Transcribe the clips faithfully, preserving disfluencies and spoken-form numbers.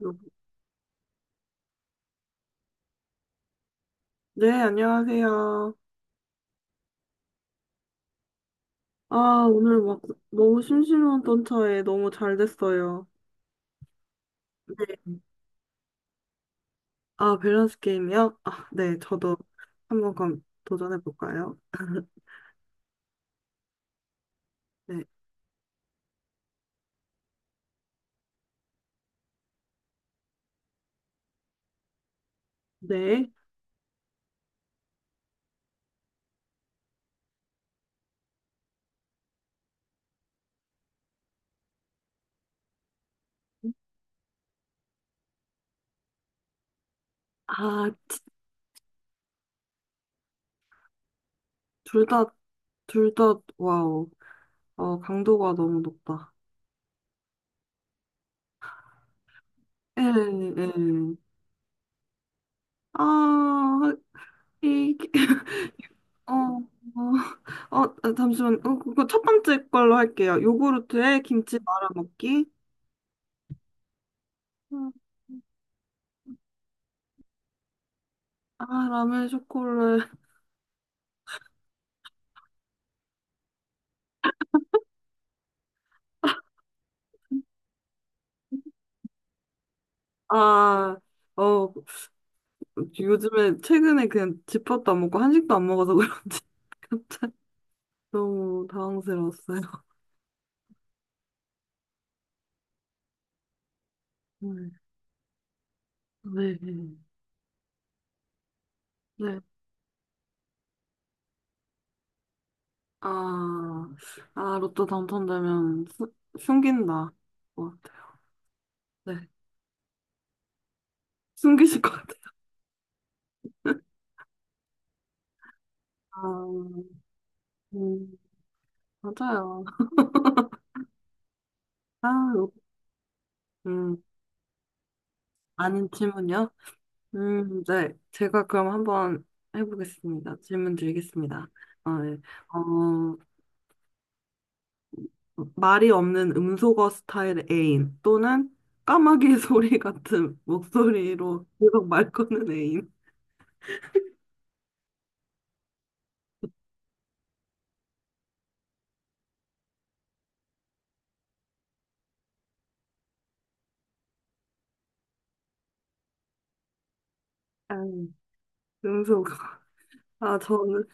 여보. 네, 안녕하세요. 아, 오늘 막 너무 심심했던 차에 너무 잘 됐어요. 네. 아, 밸런스 게임이요? 아, 네, 저도 한번 그럼 도전해 볼까요? 네. 네. 아, 둘 다, 둘 다, 와우. 어, 강도가 너무 높다. 예, 예. 아, 이, 어, 어, 어, 아, 잠시만. 어, 그거 첫 번째 걸로 할게요. 요구르트에 김치 말아 먹기. 아, 라면 초콜릿. 아, 어, 요즘에 최근에 그냥 집밥도 안 먹고 한식도 안 먹어서 그런지 갑자기 너무 당황스러웠어요. 네. 네. 네. 아, 아, 로또 당첨되면 수- 숨긴다. 어, 네. 숨기실 것 같아요. 아, 음, 맞아요. 아, 로- 음, 아닌 질문이요? 음, 네. 제가 그럼 한번 해보겠습니다. 질문 드리겠습니다. 아, 네. 어, 말이 없는 음소거 스타일 애인 또는 까마귀 소리 같은 목소리로 계속 말 거는 애인. 아, 음소거. 아, 저는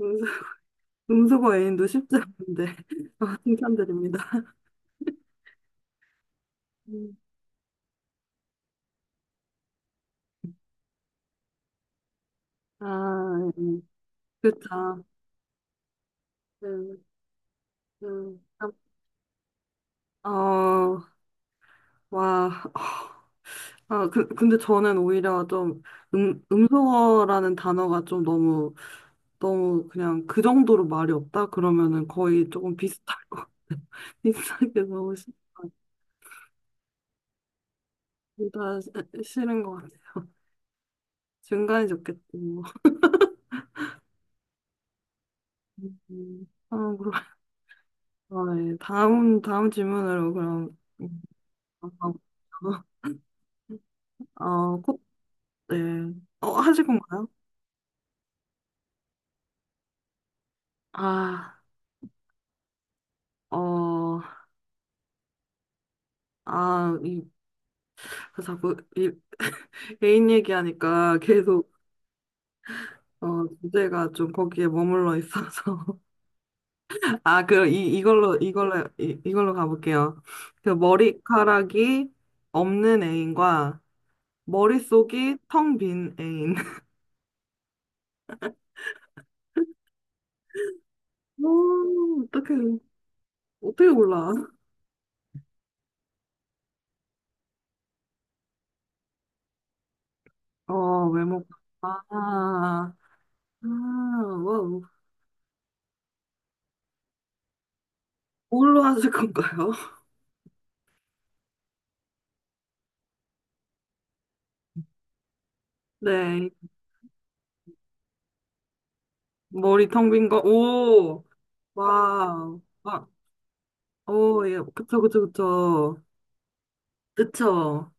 음소, 음소거 애인도 쉽지 않은데. 아, 칭찬드립니다. 음. 아, 음. 그쵸. 음, 음. 아, 어, 와. 아, 그, 근데 저는 오히려 좀 음, 음소거라는 단어가 좀 너무 너무 그냥 그 정도로 말이 없다? 그러면은 거의 조금 비슷할 거, 비슷하게 너무 싫다. 둘다 싫은 것 같아. 중간이 좋겠지, 뭐. 음, 아, 그럼. 아, 예. 다음, 다음 질문으로 그럼. 음, 아, 아, 어, 꽃, 네. 어, 하실 건가요? 아, 어, 아, 이, 그 자꾸 이, 개인 얘기하니까 계속, 어, 주제가 좀 거기에 머물러 있어서. 아, 그, 이, 이걸로, 이걸로, 이, 이걸로 가볼게요. 그 머리카락이 없는 애인과 머릿속이 텅 빈 애인. 오, 어떻게, 어떻게 몰라? 어, 외모. 아, 아, 와, 뭘로 하실 건가요? 네, 머리 텅 빈 거, 오, 와, 와, 오, 예, 그쵸, 그쵸, 그쵸. 그쵸.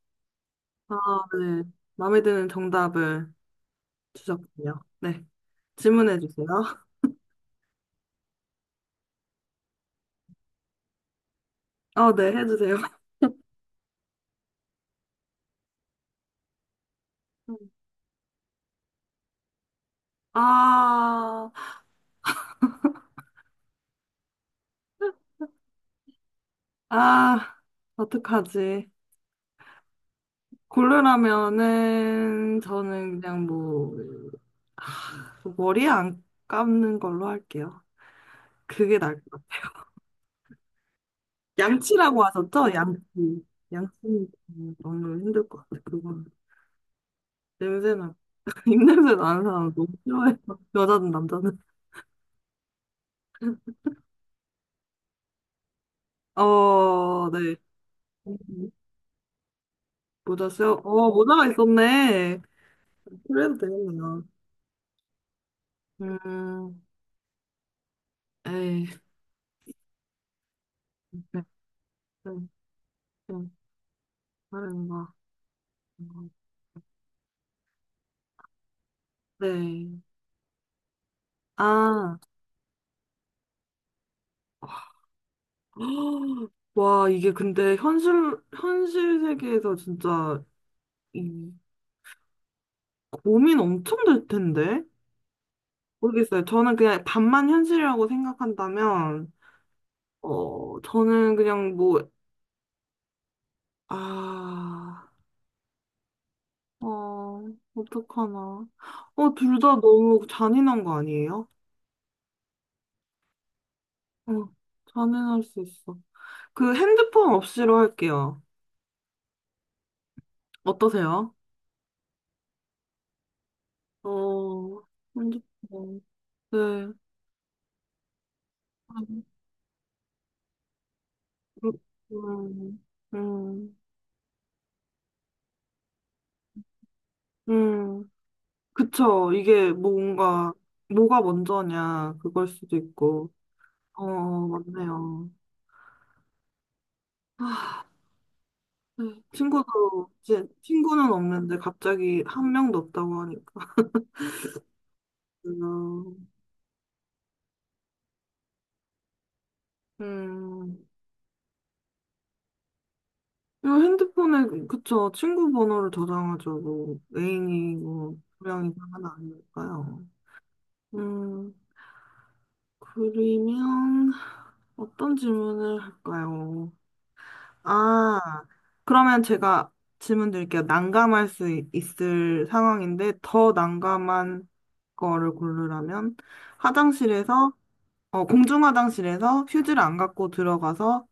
아, 네. 마음에 드는 정답을 주셨군요. 네, 질문해 주세요. 어, 네, 해주세요. 아, 아, 어떡하지? 고르라면은 저는 그냥 뭐 머리 안 감는 걸로 할게요. 그게 나을 것 같아요. 양치라고 하셨죠? 양치. 양치 너무 힘들 것 같아요. 그건 냄새 나. 입냄새 나는 사람 너무 싫어해요. 여자든 남자든. 어, 네. 모자 써요? 어, 모자가 있었네. 그래도 되겠네요. 음, 에이. 네, 네. 음, 다른 거. 음, 네. 아, 와, 이게 근데 현실, 현실 세계에서 진짜 이 고민 엄청 될 텐데? 모르겠어요. 저는 그냥 반만 현실이라고 생각한다면, 어, 저는 그냥 뭐, 아, 어, 어떡하나. 어, 둘 다 너무 잔인한 거 아니에요? 어, 잔인할 수 있어. 그 핸드폰 없이로 할게요. 어떠세요? 어, 핸드폰. 네. 음, 음, 음, 음, 음. 그쵸. 이게 뭔가, 뭐가 먼저냐, 그걸 수도 있고. 어, 맞네요. 아, 네. 친구도, 이제 친구는 없는데 갑자기 한 명도 없다고 하니까. 음, 음. 이거 핸드폰에, 그쵸. 친구 번호를 저장하죠. 뭐, 애인이 뭐, 두 명이 다 하나 아닐까요? 음, 그러면 어떤 질문을 할까요? 아, 그러면 제가 질문 드릴게요. 난감할 수 있- 있을 상황인데 더 난감한 거를 고르라면 화장실에서 어, 공중 화장실에서 휴지를 안 갖고 들어가서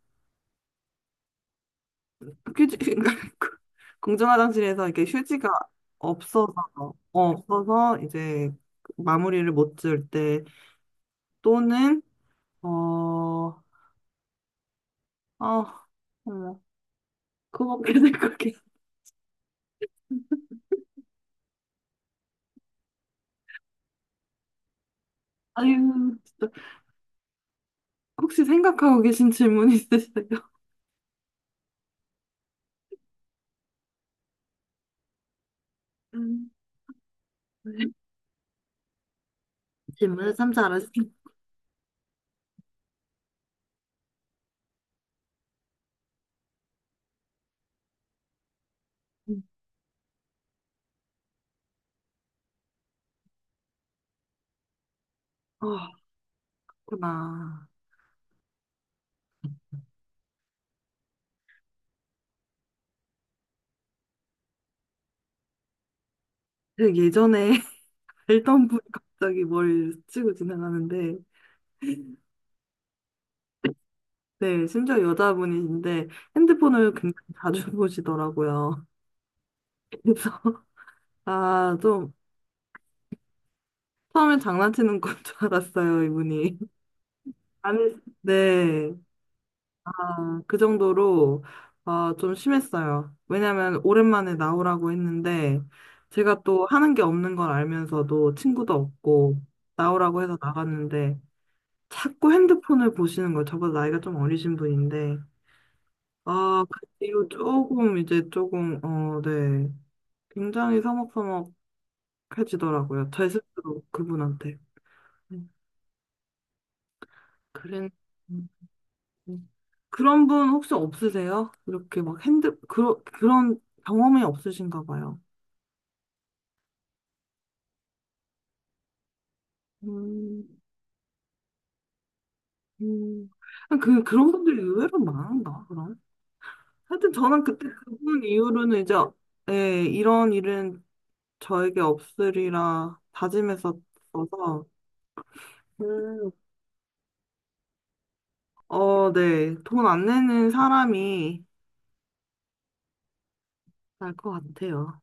휴지 공중 화장실에서 이렇게 휴지가 없어서 어, 없어서 이제 마무리를 못 지을 때 또는 어, 아, 어머, 그거밖에 생각이 아유, 진짜 혹시 생각하고 계신 질문 있으세요? 질문을 삼자 습니다 아, 그렇구나. 그 예전에 알던 분이 갑자기 뭘 치고 지나가는데, 네, 심지어 여자분이신데 핸드폰을 굉장히 자주 보시더라고요. 그래서, 아, 좀, 처음엔 장난치는 건 줄 알았어요, 이분이. 아니, 네. 아, 그 정도로 어, 좀 심했어요. 왜냐면 오랜만에 나오라고 했는데 제가 또 하는 게 없는 걸 알면서도 친구도 없고 나오라고 해서 나갔는데 자꾸 핸드폰을 보시는 거예요. 저보다 나이가 좀 어리신 분인데 아, 그 뒤로 조금 이제 조금 어, 네. 굉장히 서먹서먹해지더라고요. 제 스스로 그분한테. 음, 그랬 음. 그런 분 혹시 없으세요? 이렇게 막 핸드, 그런, 그런 경험이 없으신가 봐요. 음, 음. 그, 그런 분들이 의외로 많은가, 그럼? 하여튼 저는 그때 그분 이후로는 이제, 예, 이런 일은 저에게 없으리라 다짐했었어서, 음, 어, 네. 돈 안 내는 사람이 날 것 같아요.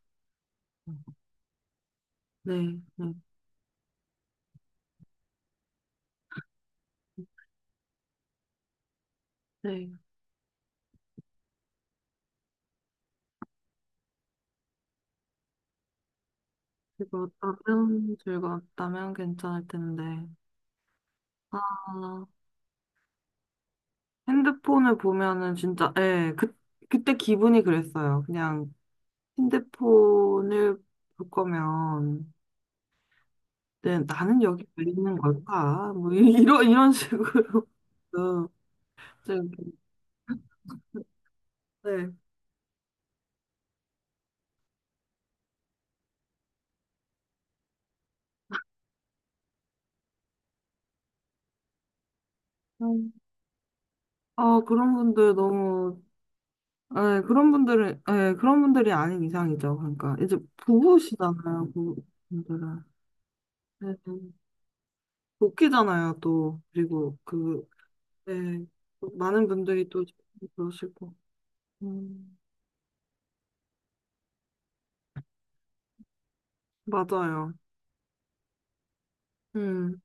네, 네, 네. 즐거웠다면, 즐거웠다면 괜찮을 텐데. 아, 핸드폰을 보면은 진짜, 예, 그, 그때 기분이 그랬어요. 그냥 핸드폰을 볼 거면, 네, 나는 여기 왜 있는 걸까? 뭐, 이- 이런, 이런 식으로. 좀, 네. 음, 아, 그런 분들 너무, 예, 그런 분들은, 예, 그런 분들이 아닌 이상이죠. 그러니까, 이제 부부시잖아요, 부부분들은. 네, 네. 웃기잖아요, 또. 그리고 그, 예, 많은 분들이 또 그러시고. 음, 맞아요. 음.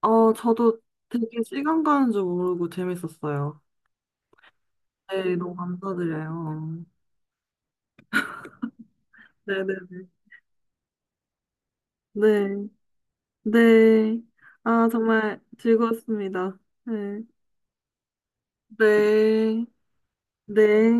어, 저도 되게 시간 가는 줄 모르고 재밌었어요. 네, 너무 감사드려요. 네네네. 네. 네. 아, 정말 즐거웠습니다. 네. 네. 네.